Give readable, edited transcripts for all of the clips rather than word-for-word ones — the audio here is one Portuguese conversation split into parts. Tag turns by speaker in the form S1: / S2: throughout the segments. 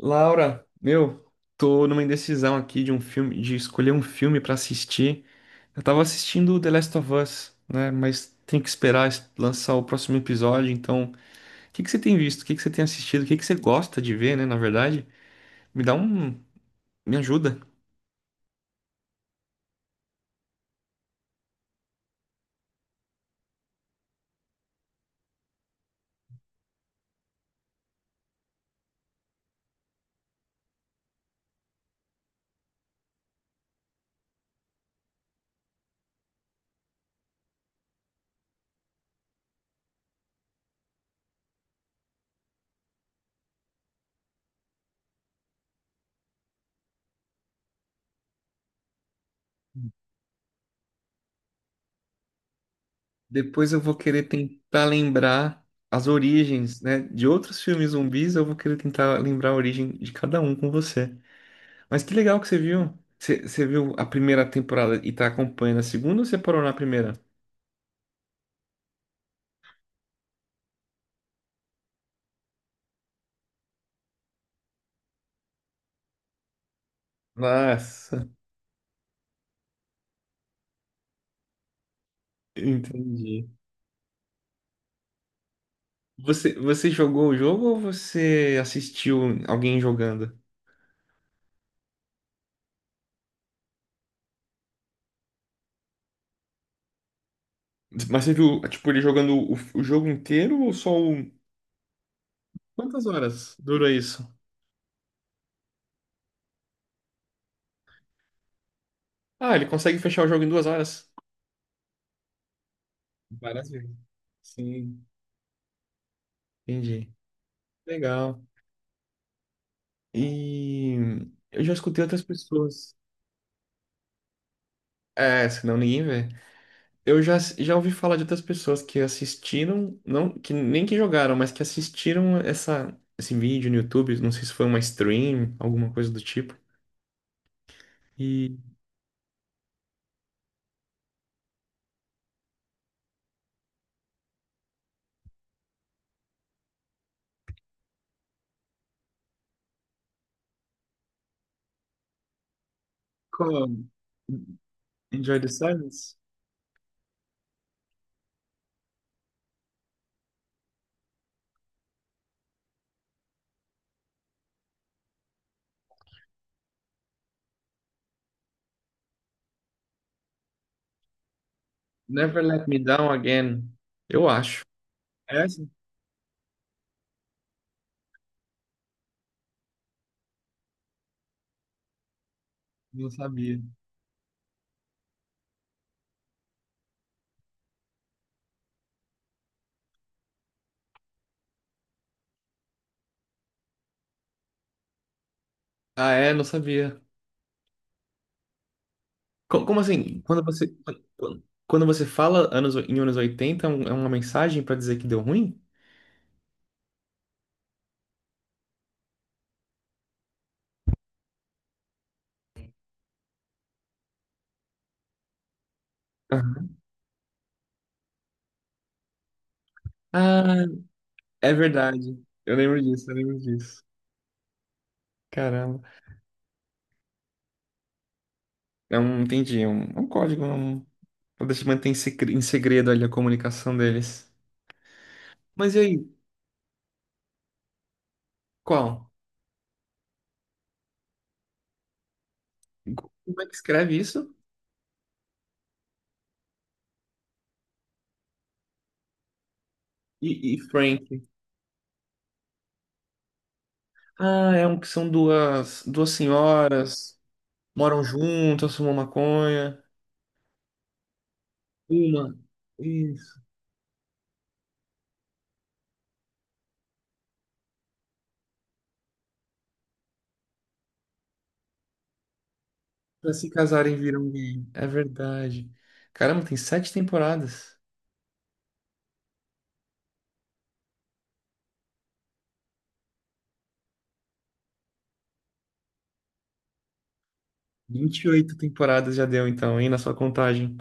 S1: Laura, meu, tô numa indecisão aqui de um filme, de escolher um filme pra assistir. Eu tava assistindo The Last of Us, né? Mas tem que esperar lançar o próximo episódio. Então, o que que você tem visto? O que que você tem assistido? O que que você gosta de ver, né? Na verdade, me dá um, me ajuda. Depois eu vou querer tentar lembrar as origens, né? De outros filmes zumbis, eu vou querer tentar lembrar a origem de cada um com você. Mas que legal que você viu. Você viu a primeira temporada e tá acompanhando a segunda ou você parou na primeira? Nossa, entendi. Você jogou o jogo ou você assistiu alguém jogando? Mas você viu, tipo, ele jogando o jogo inteiro ou só o... Quantas horas durou isso? Ah, ele consegue fechar o jogo em 2 horas? Várias vezes. Sim, entendi. Legal. E eu já escutei outras pessoas. É, senão ninguém vê. Eu já ouvi falar de outras pessoas que assistiram, não, que nem que jogaram, mas que assistiram esse vídeo no YouTube, não sei se foi uma stream, alguma coisa do tipo. E como? Enjoy the Silence? Never Let Me Down Again. Eu acho. Essa? Não sabia. Ah, é? Não sabia. Como assim? Quando você fala anos, em anos 80 é uma mensagem pra dizer que deu ruim? Aham. Ah, é verdade. Eu lembro disso, eu lembro disso. Caramba. Entendi, é um código, pra deixar manter em segredo ali a comunicação deles. Mas e aí, qual? Como é que escreve isso? E Frank? Ah, é um que são duas senhoras, moram juntas, fumam maconha. Uma, isso. Pra se casarem viram gay. É verdade. Caramba, tem sete temporadas. 28 temporadas já deu, então, hein, na sua contagem.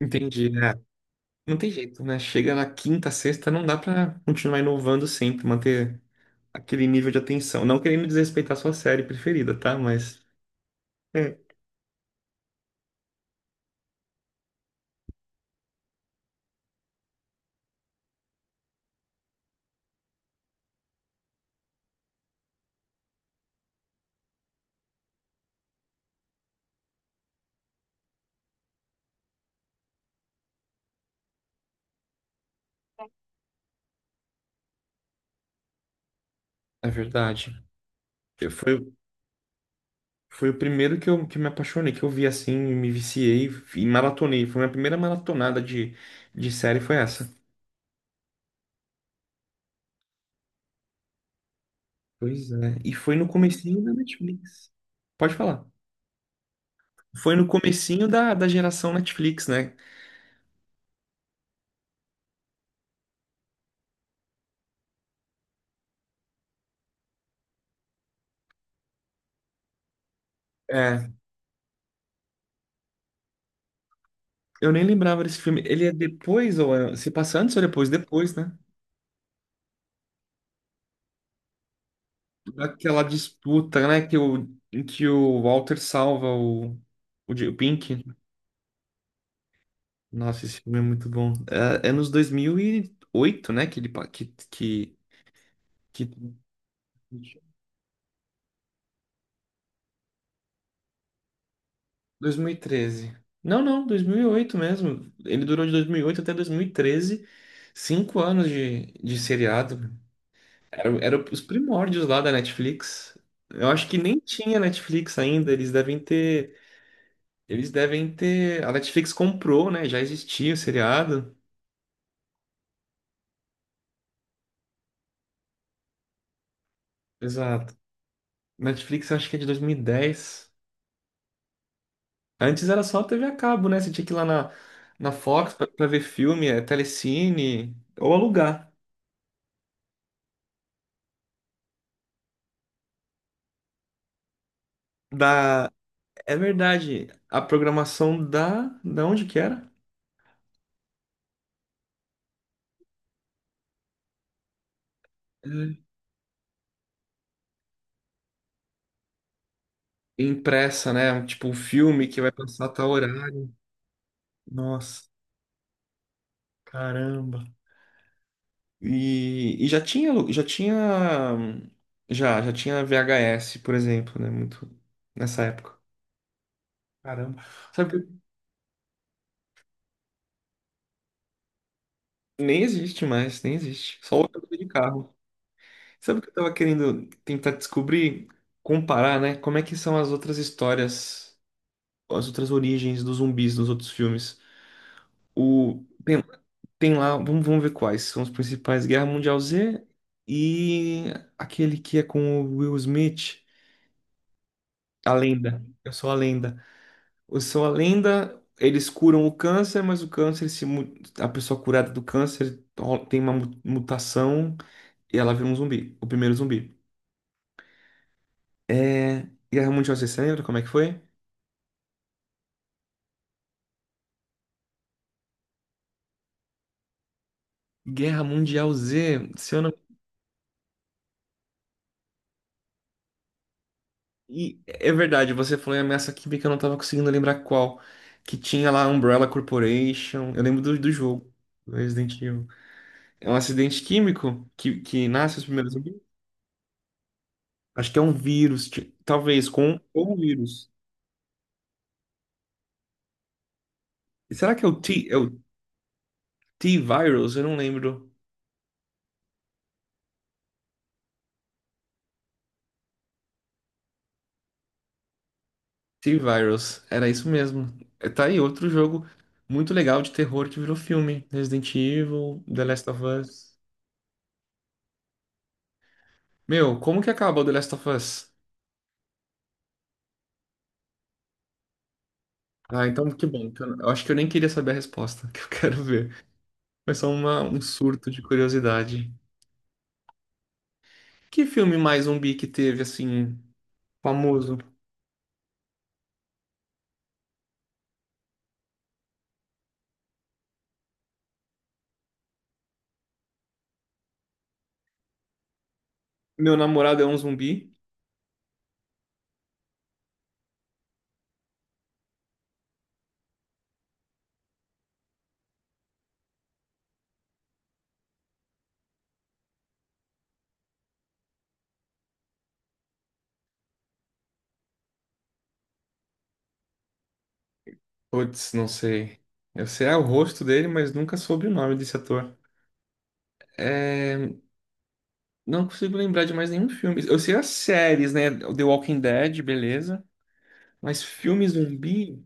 S1: Entendi. Não tem jeito, né? Chega na quinta, sexta, não dá pra continuar inovando sempre, manter aquele nível de atenção. Não querendo desrespeitar a sua série preferida, tá? Mas é, é verdade. Eu, foi, foi o primeiro que me apaixonei, que eu vi assim, e me viciei e maratonei. Foi a minha primeira maratonada de série, foi essa. Pois é. E foi no comecinho da Netflix. Pode falar. Foi no comecinho da geração Netflix, né? É, eu nem lembrava desse filme. Ele é depois, se passa antes ou depois? Depois, né? Daquela disputa, né? Que o, em que o Walter salva o Pink. Nossa, esse filme é muito bom. É nos 2008, né? Que ele. Pa- que... 2013. Não, não, 2008 mesmo. Ele durou de 2008 até 2013. 5 anos de seriado. Era os primórdios lá da Netflix. Eu acho que nem tinha Netflix ainda. Eles devem ter. Eles devem ter. A Netflix comprou, né? Já existia o seriado. Exato. Netflix eu acho que é de 2010. Antes era só TV a cabo, né? Você tinha que ir lá na Fox pra ver filme, é, Telecine, ou alugar. Da... É verdade, a programação da... Da onde que era? É, Impressa, né? Tipo, um filme que vai passar a tal horário. Nossa, caramba. E já tinha, alu- já tinha, já, já tinha VHS, por exemplo, né? Muito nessa época. Caramba. Sabe. Nem existe mais, nem existe. Só locadora de carro. Sabe o que eu tava querendo tentar descobrir, comparar, né? Como é que são as outras histórias, as outras origens dos zumbis nos outros filmes? O Tem lá, vamos ver quais são os principais: Guerra Mundial Z e aquele que é com o Will Smith, A Lenda. Eu sou a Lenda. Eu sou a Lenda. Eles curam o câncer, mas o câncer, se, mu- a pessoa curada do câncer tem uma mutação. E ela vira um zumbi, o primeiro zumbi. É... Guerra Mundial Z, você lembra como é que foi? Guerra Mundial Z, se eu não. E é verdade, você falou em ameaça química, eu não tava conseguindo lembrar qual. Que tinha lá a Umbrella Corporation. Eu lembro do jogo, do Resident Evil. É um acidente químico que nasce os primeiros zumbis? Acho que é um vírus, talvez, com ou um vírus. E será que é o T-Virus? Eu não lembro. T-Virus, era isso mesmo. É, tá aí outro jogo muito legal de terror que virou filme. Resident Evil, The Last of Us. Meu, como que acaba o The Last of Us? Ah, então que bom. Que eu acho que eu nem queria saber a resposta, que eu quero ver. Foi só um surto de curiosidade. Que filme mais zumbi que teve, assim, famoso? Meu namorado é um zumbi? Putz, não sei. Eu sei o rosto dele, mas nunca soube o nome desse ator. É. Não consigo lembrar de mais nenhum filme. Eu sei as séries, né? The Walking Dead, beleza. Mas filme zumbi.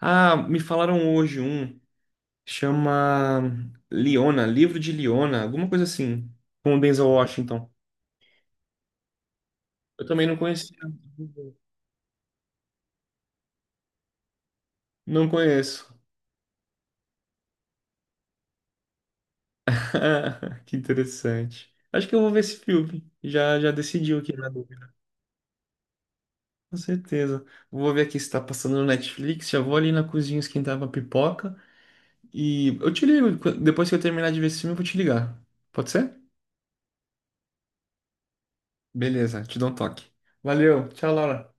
S1: Ah, me falaram hoje um. Chama Leona, Livro de Leona, alguma coisa assim. Com o Denzel Washington. Eu também não conhecia. Não conheço. Que interessante. Acho que eu vou ver esse filme. Já decidiu aqui na dúvida. Com certeza. Vou ver aqui se tá passando no Netflix. Já vou ali na cozinha esquentar uma pipoca. E eu te ligo, depois que eu terminar de ver esse filme, eu vou te ligar. Pode ser? Beleza, te dou um toque. Valeu, tchau, Laura.